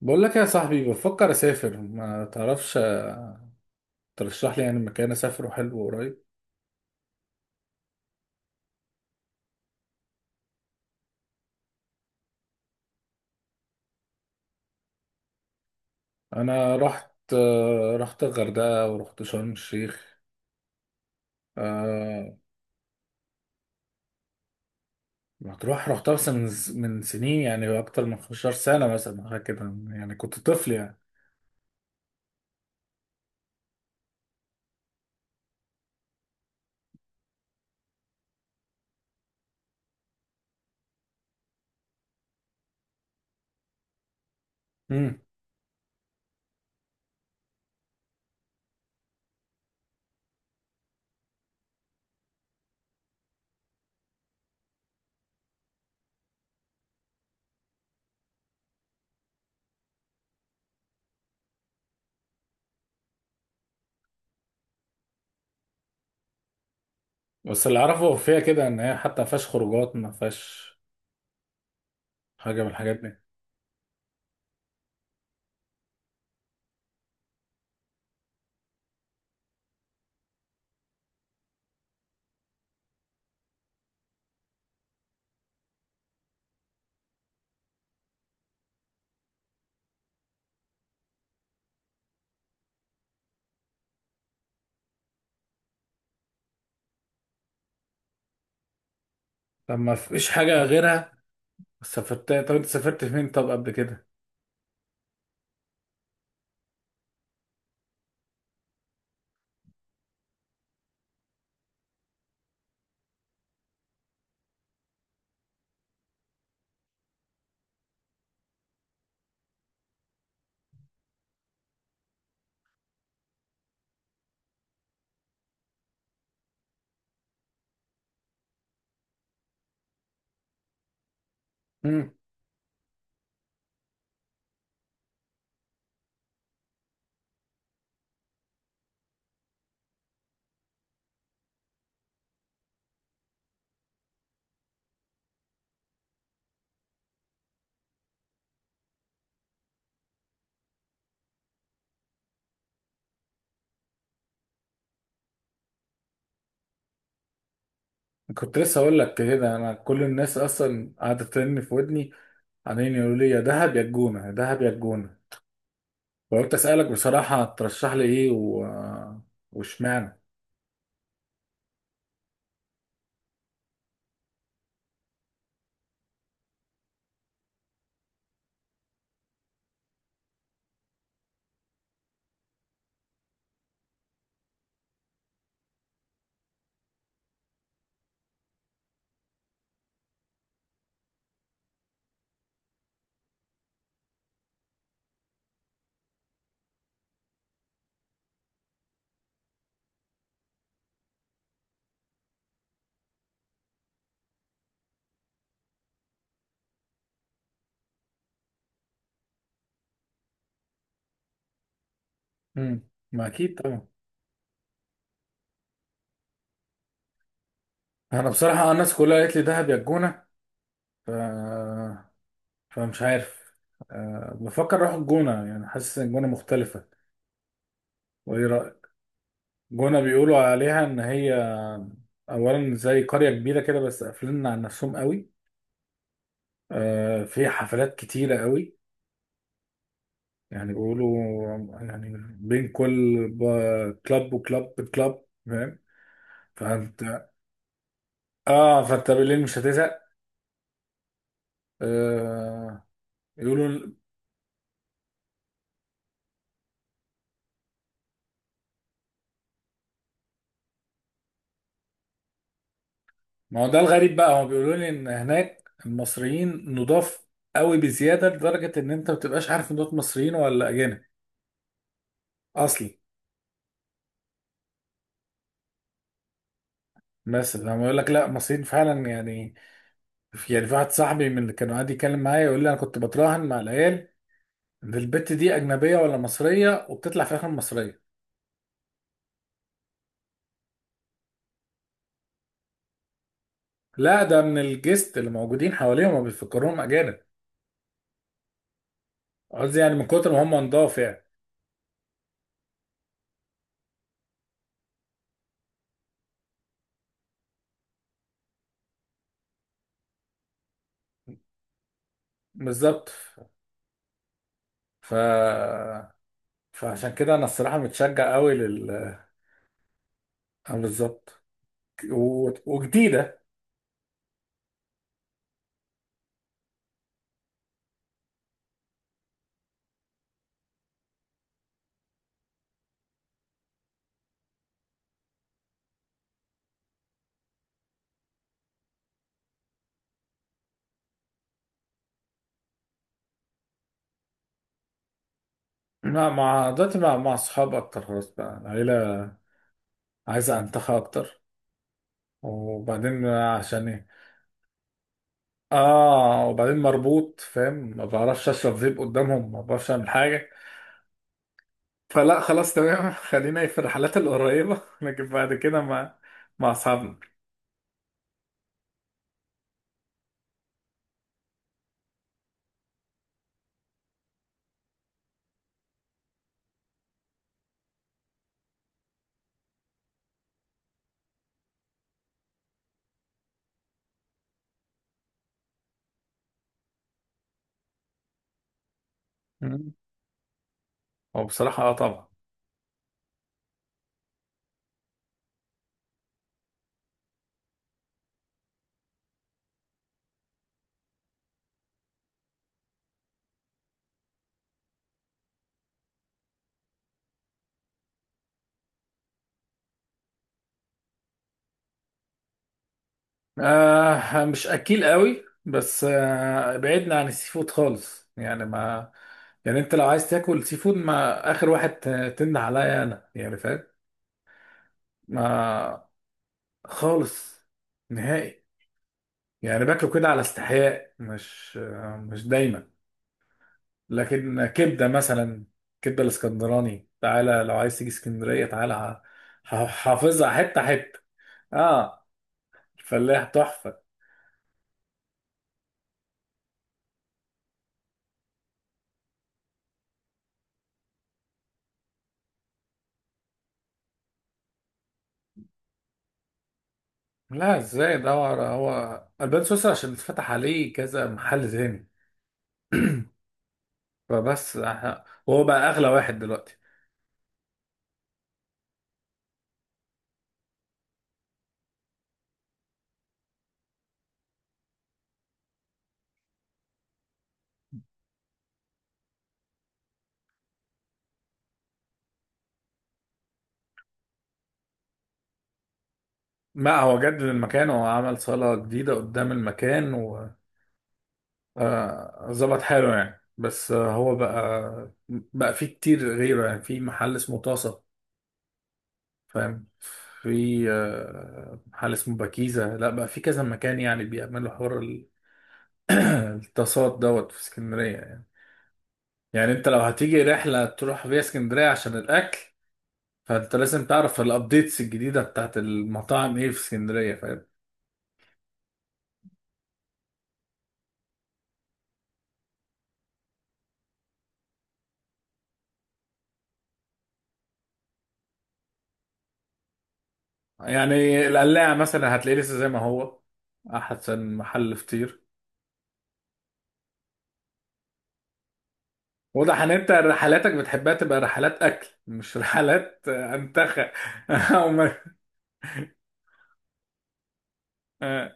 بقول لك يا صاحبي، بفكر اسافر، ما تعرفش، ترشح لي يعني مكان اسافره حلو قريب. انا رحت الغردقه ورحت شرم الشيخ. آه، مطروح رحتها، بس من سنين، يعني اكتر من 15 سنه مثلا، حاجه كده. يعني كنت طفل يعني. امم. بس اللي اعرفه فيها كده ان هي حتى ما فيهاش خروجات، ما فيهاش حاجه من الحاجات دي. طب ما فيش حاجه غيرها؟ طب انت سافرت فين طب قبل كده؟ كنت لسه اقول لك كده، انا كل الناس اصلا قاعده ترن في ودني، عمالين يقولوا لي يا دهب يا الجونه، يا دهب يا الجونه، وقلت اسالك بصراحه ترشح لي ايه، واشمعنى. امم. ما اكيد طبعا. انا بصراحه الناس كلها قالت لي دهب يا الجونه، ف... فمش عارف. بفكر اروح الجونه، يعني حاسس ان الجونه مختلفه. وايه رايك؟ الجونه بيقولوا عليها ان هي اولا زي قريه كبيره كده، بس قافلين على نفسهم قوي. في حفلات كتيرة قوي. يعني بيقولوا، يعني بين كل كلاب وكلاب، كلاب، فاهم؟ فانت اه فانت بالليل مش هتزهق. آه يقولوا. ما هو ده الغريب بقى، هم بيقولوا لي ان هناك المصريين نضاف قوي بزياده، لدرجه ان انت ما بتبقاش عارف ان دول مصريين ولا اجانب اصلي. بس لما يقول لك لا، مصريين فعلا يعني. في واحد صاحبي من اللي كانوا قاعد يتكلم معايا يقول لي انا كنت بتراهن مع العيال ان البت دي اجنبيه ولا مصريه، وبتطلع في الاخر مصريه. لا ده من الجست اللي موجودين حواليهم ما بيفكروهم اجانب. قصدي يعني من كتر ما هم نضاف يعني. بالظبط. ف فعشان كده انا الصراحه متشجع قوي لل آه، بالظبط. وجديده. مع دلوقتي مع اصحاب اكتر، خلاص بقى العيله عايزه انتخى اكتر. وبعدين عشان ايه؟ اه، وبعدين مربوط فاهم، ما بعرفش اشرب فيب قدامهم، ما بعرفش اعمل حاجه. فلا خلاص تمام خلينا في الرحلات القريبه، لكن بعد كده مع مع اصحابنا. هو بصراحة طبعا. مش اكيل قوي، بس بعدنا عن السي فود خالص، يعني ما، يعني انت لو عايز تاكل سي فود ما اخر واحد تنده عليا انا، يعني فاهم؟ ما خالص، نهائي. يعني باكله كده على استحياء، مش دايما. لكن كبدة مثلا، كبدة الاسكندراني تعالى، لو عايز تيجي اسكندرية تعالى حافظها حتة حتة. اه، الفلاح تحفة. لا ازاي ادور، هو البان سويسرا عشان اتفتح عليه كذا محل تاني، فبس احنا، وهو بقى اغلى واحد دلوقتي. ما هو جدد المكان، هو عمل صالة جديدة قدام المكان و ظبط حاله يعني، بس هو بقى فيه كتير غيره، يعني في محل اسمه طاسة، فاهم؟ في محل اسمه باكيزة، لا بقى في كذا مكان يعني بيعملوا حوار الطاسات دوت في اسكندرية يعني. يعني انت لو هتيجي رحلة تروح فيها اسكندرية عشان الأكل، فانت لازم تعرف الابديتس الجديده بتاعت المطاعم ايه في اسكندريه، فاهم؟ يعني القلاع مثلا هتلاقيه لسه زي ما هو، احسن محل فطير. واضح ان انت رحلاتك بتحبها تبقى رحلات اكل مش رحلات انتخى او اه.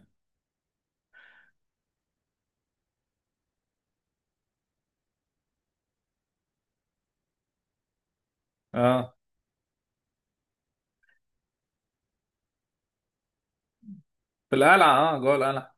آه. في القلعه، اه، جوه القلعه.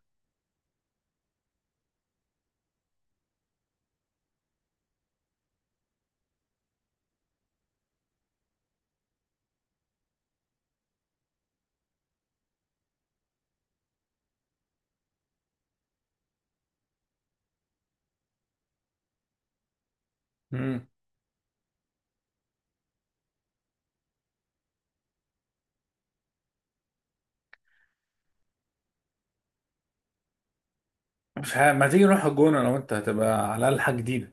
مم. مش ه... ما تيجي نروح الجونه، لو انت هتبقى على الاقل حاجه جديده.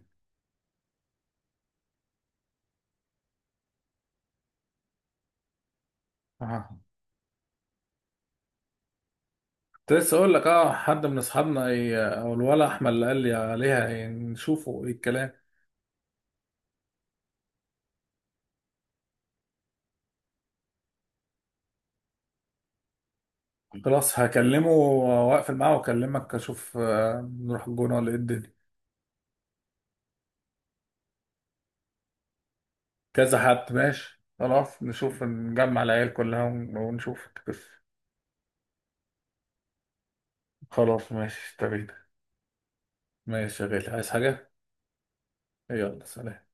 اه، كنت لسه اقول لك حد من اصحابنا او الولا احمد اللي قال لي عليها، يعني نشوفه ايه الكلام. خلاص، هكلمه واقفل معاه واكلمك، اشوف نروح الجونة ولا ايه الدنيا. كذا حد ماشي، خلاص نشوف، نجمع العيال كلها ونشوف القصة. خلاص ماشي تمام. ماشي يا غالي، عايز حاجة؟ يلا سلام.